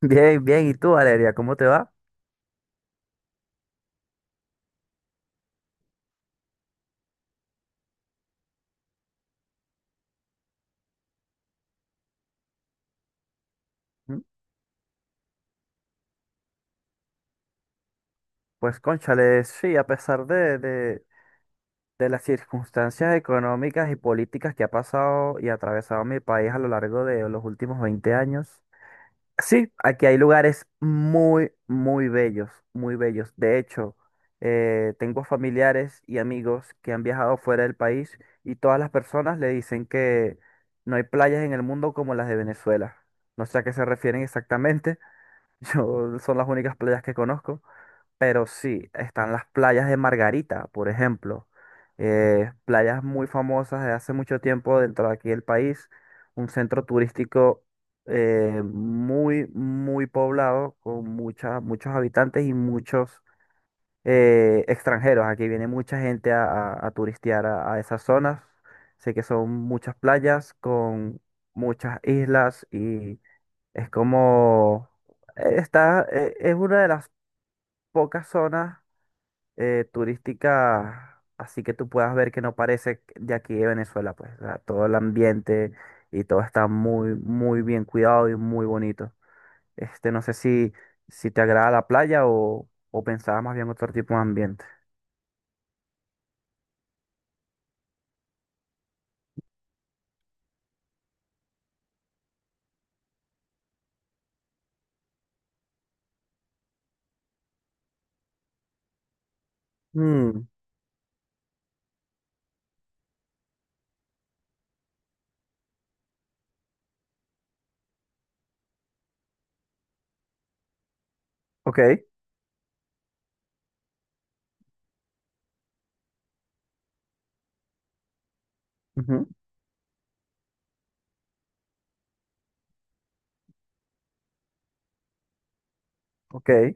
Bien, bien. ¿Y tú, Valeria, cómo te va? ¿Mm? Pues cónchale, sí, a pesar de, de las circunstancias económicas y políticas que ha pasado y atravesado mi país a lo largo de los últimos 20 años, sí, aquí hay lugares muy, muy bellos, muy bellos. De hecho, tengo familiares y amigos que han viajado fuera del país y todas las personas le dicen que no hay playas en el mundo como las de Venezuela. No sé a qué se refieren exactamente. Yo son las únicas playas que conozco, pero sí, están las playas de Margarita, por ejemplo. Playas muy famosas de hace mucho tiempo dentro de aquí del país. Un centro turístico muy, muy poblado, con muchas, muchos habitantes y muchos extranjeros. Aquí viene mucha gente a, a turistear a esas zonas. Sé que son muchas playas con muchas islas, es como, está, es una de las pocas zonas turísticas, así que tú puedas ver que no parece de aquí de Venezuela, pues, o sea, todo el ambiente y todo está muy, muy bien cuidado y muy bonito. Este, no sé si, si te agrada la playa o pensabas más bien otro tipo de ambiente. Mm, ok, ujú, ok.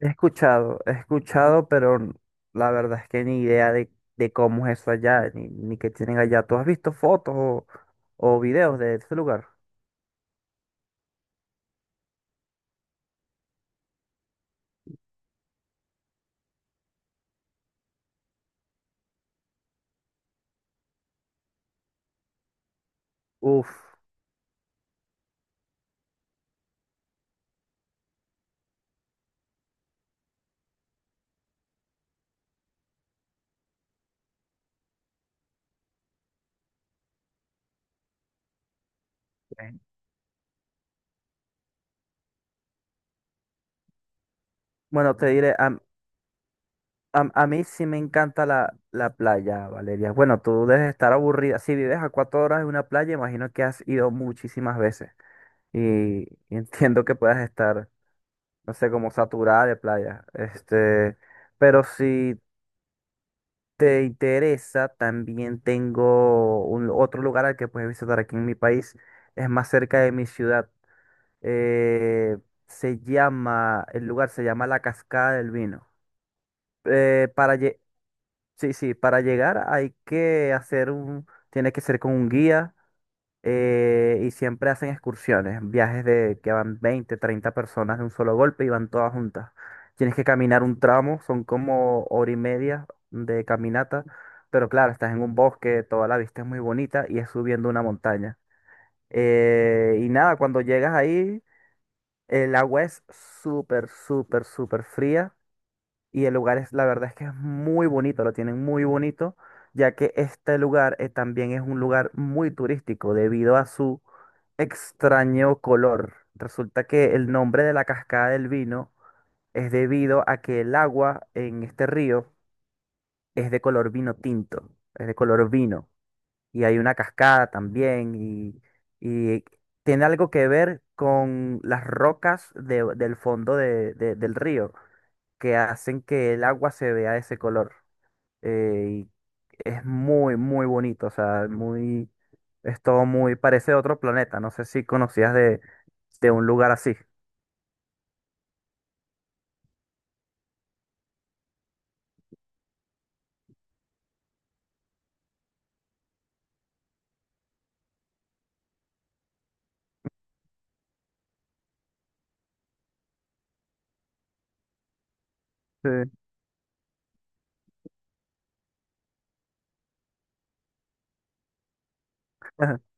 He escuchado, pero la verdad es que ni idea de cómo es eso allá, ni, ni qué tienen allá. ¿Tú has visto fotos o videos de ese lugar? Uf. eh, Bueno, te diré, a, a mí sí me encanta la, la playa, Valeria. Bueno, tú debes estar aburrida. Si vives a 4 horas de una playa, imagino que has ido muchísimas veces. Y, y entiendo que puedas estar, no sé, como saturada de playa. Este, pero sí, te interesa, también tengo otro lugar al que puedes visitar aquí en mi país. Es más cerca de mi ciudad. Eh, Se llama, el lugar se llama La Cascada del Vino. Eh, para, lle- sí, sí, para llegar hay que tiene que ser con un guía, y siempre hacen excursiones, viajes de que van 20, 30 personas de un solo golpe y van todas juntas. Tienes que caminar un tramo, son como hora y media de caminata, pero claro, estás en un bosque, toda la vista es muy bonita y es subiendo una montaña. Y nada, cuando llegas ahí, el agua es súper, súper, súper fría y el lugar es, la verdad es que es muy bonito, lo tienen muy bonito, ya que este lugar también es un lugar muy turístico debido a su extraño color. Resulta que el nombre de la Cascada del Vino es debido a que el agua en este río es de color vino tinto, es de color vino. Y hay una cascada también y tiene algo que ver con las rocas del fondo del río que hacen que el agua se vea de ese color. Y es muy, muy bonito, o sea, muy, es todo muy, parece otro planeta. No sé si conocías de un lugar así. Sí,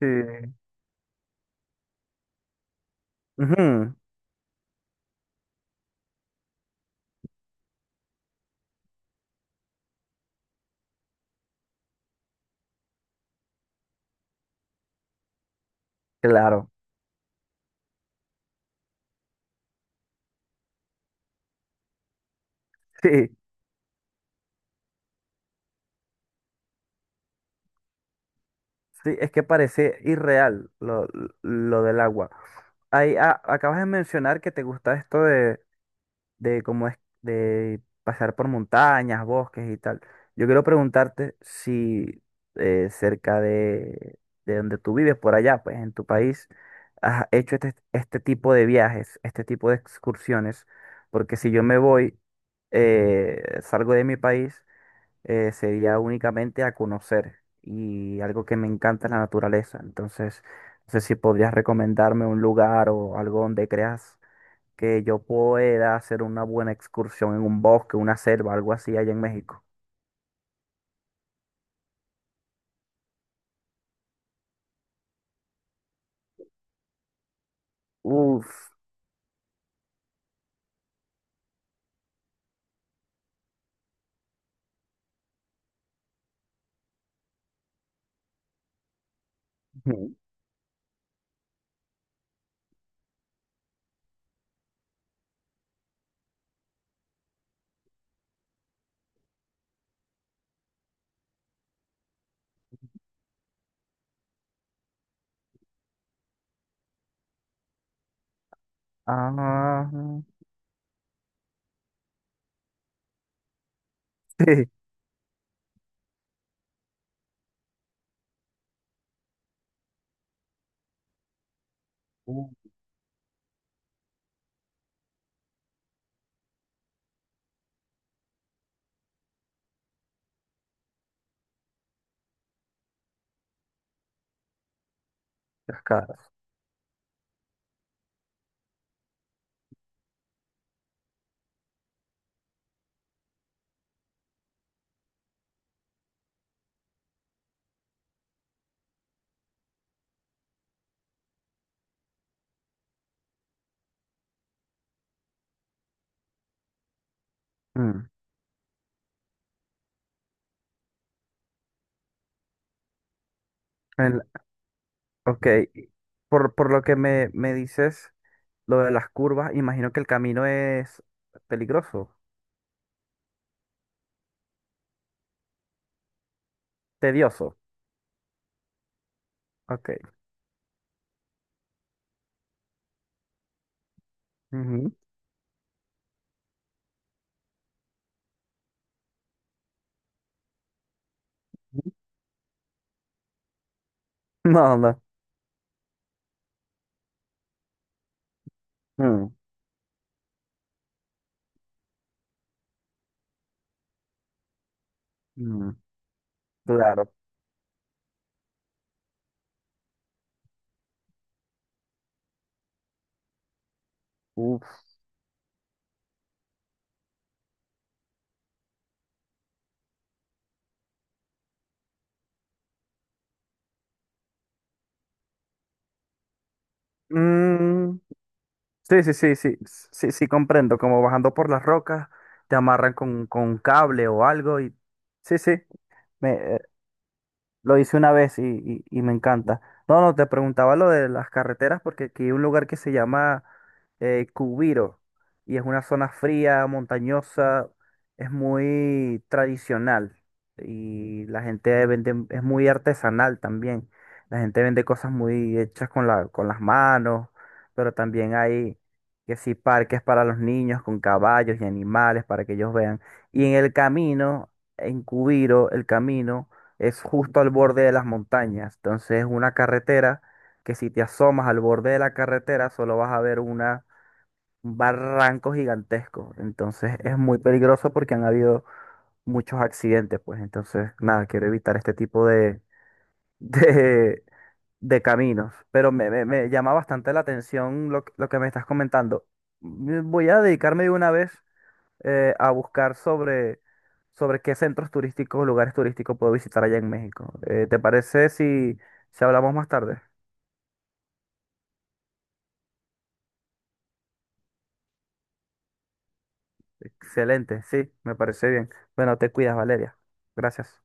sí. Ujú, claro, sí, sí, es que parece irreal lo del agua. Ahí, ah, acabas de mencionar que te gusta esto de cómo es de pasar por montañas, bosques y tal. Yo quiero preguntarte si cerca de donde tú vives, por allá, pues en tu país, has hecho este, este tipo de viajes, este tipo de excursiones, porque si yo me voy, salgo de mi país, sería únicamente a conocer y algo que me encanta es la naturaleza. Entonces, no sé si podrías recomendarme un lugar o algo donde creas que yo pueda hacer una buena excursión en un bosque, una selva, algo así allá en México. Uf. Ujú, Ah, sí, uf, las caras. Mm. el- ok, por lo que me dices, lo de las curvas, imagino que el camino es peligroso, tedioso. Ok. Ujú, No, no. Ujú, Mm, claro. Uf. Mm. Sí, sí, sí, sí, sí, sí, comprendo. Como bajando por las rocas, te amarran con un cable o algo y... Sí, sí, me, lo hice una vez y, y me encanta. No, no, te preguntaba lo de las carreteras porque aquí hay un lugar que se llama Cubiro y es una zona fría, montañosa, es muy tradicional y la gente vende, es muy artesanal también. La gente vende cosas muy hechas con la, con las manos, pero también hay que sí parques para los niños con caballos y animales para que ellos vean. Y en el camino, en Cubiro, el camino es justo al borde de las montañas. Entonces es una carretera que si te asomas al borde de la carretera solo vas a ver un barranco gigantesco. Entonces es muy peligroso porque han habido muchos accidentes, pues. Entonces, nada, quiero evitar este tipo de, de, de caminos. Pero me, me llama bastante la atención lo, lo que me estás comentando. Mm, voy a dedicarme de una vez a buscar sobre, sobre qué centros turísticos o lugares turísticos puedo visitar allá en México. ¿Te parece si, si hablamos más tarde? Excelente, sí, me parece bien. Bueno, te cuidas, Valeria. Gracias.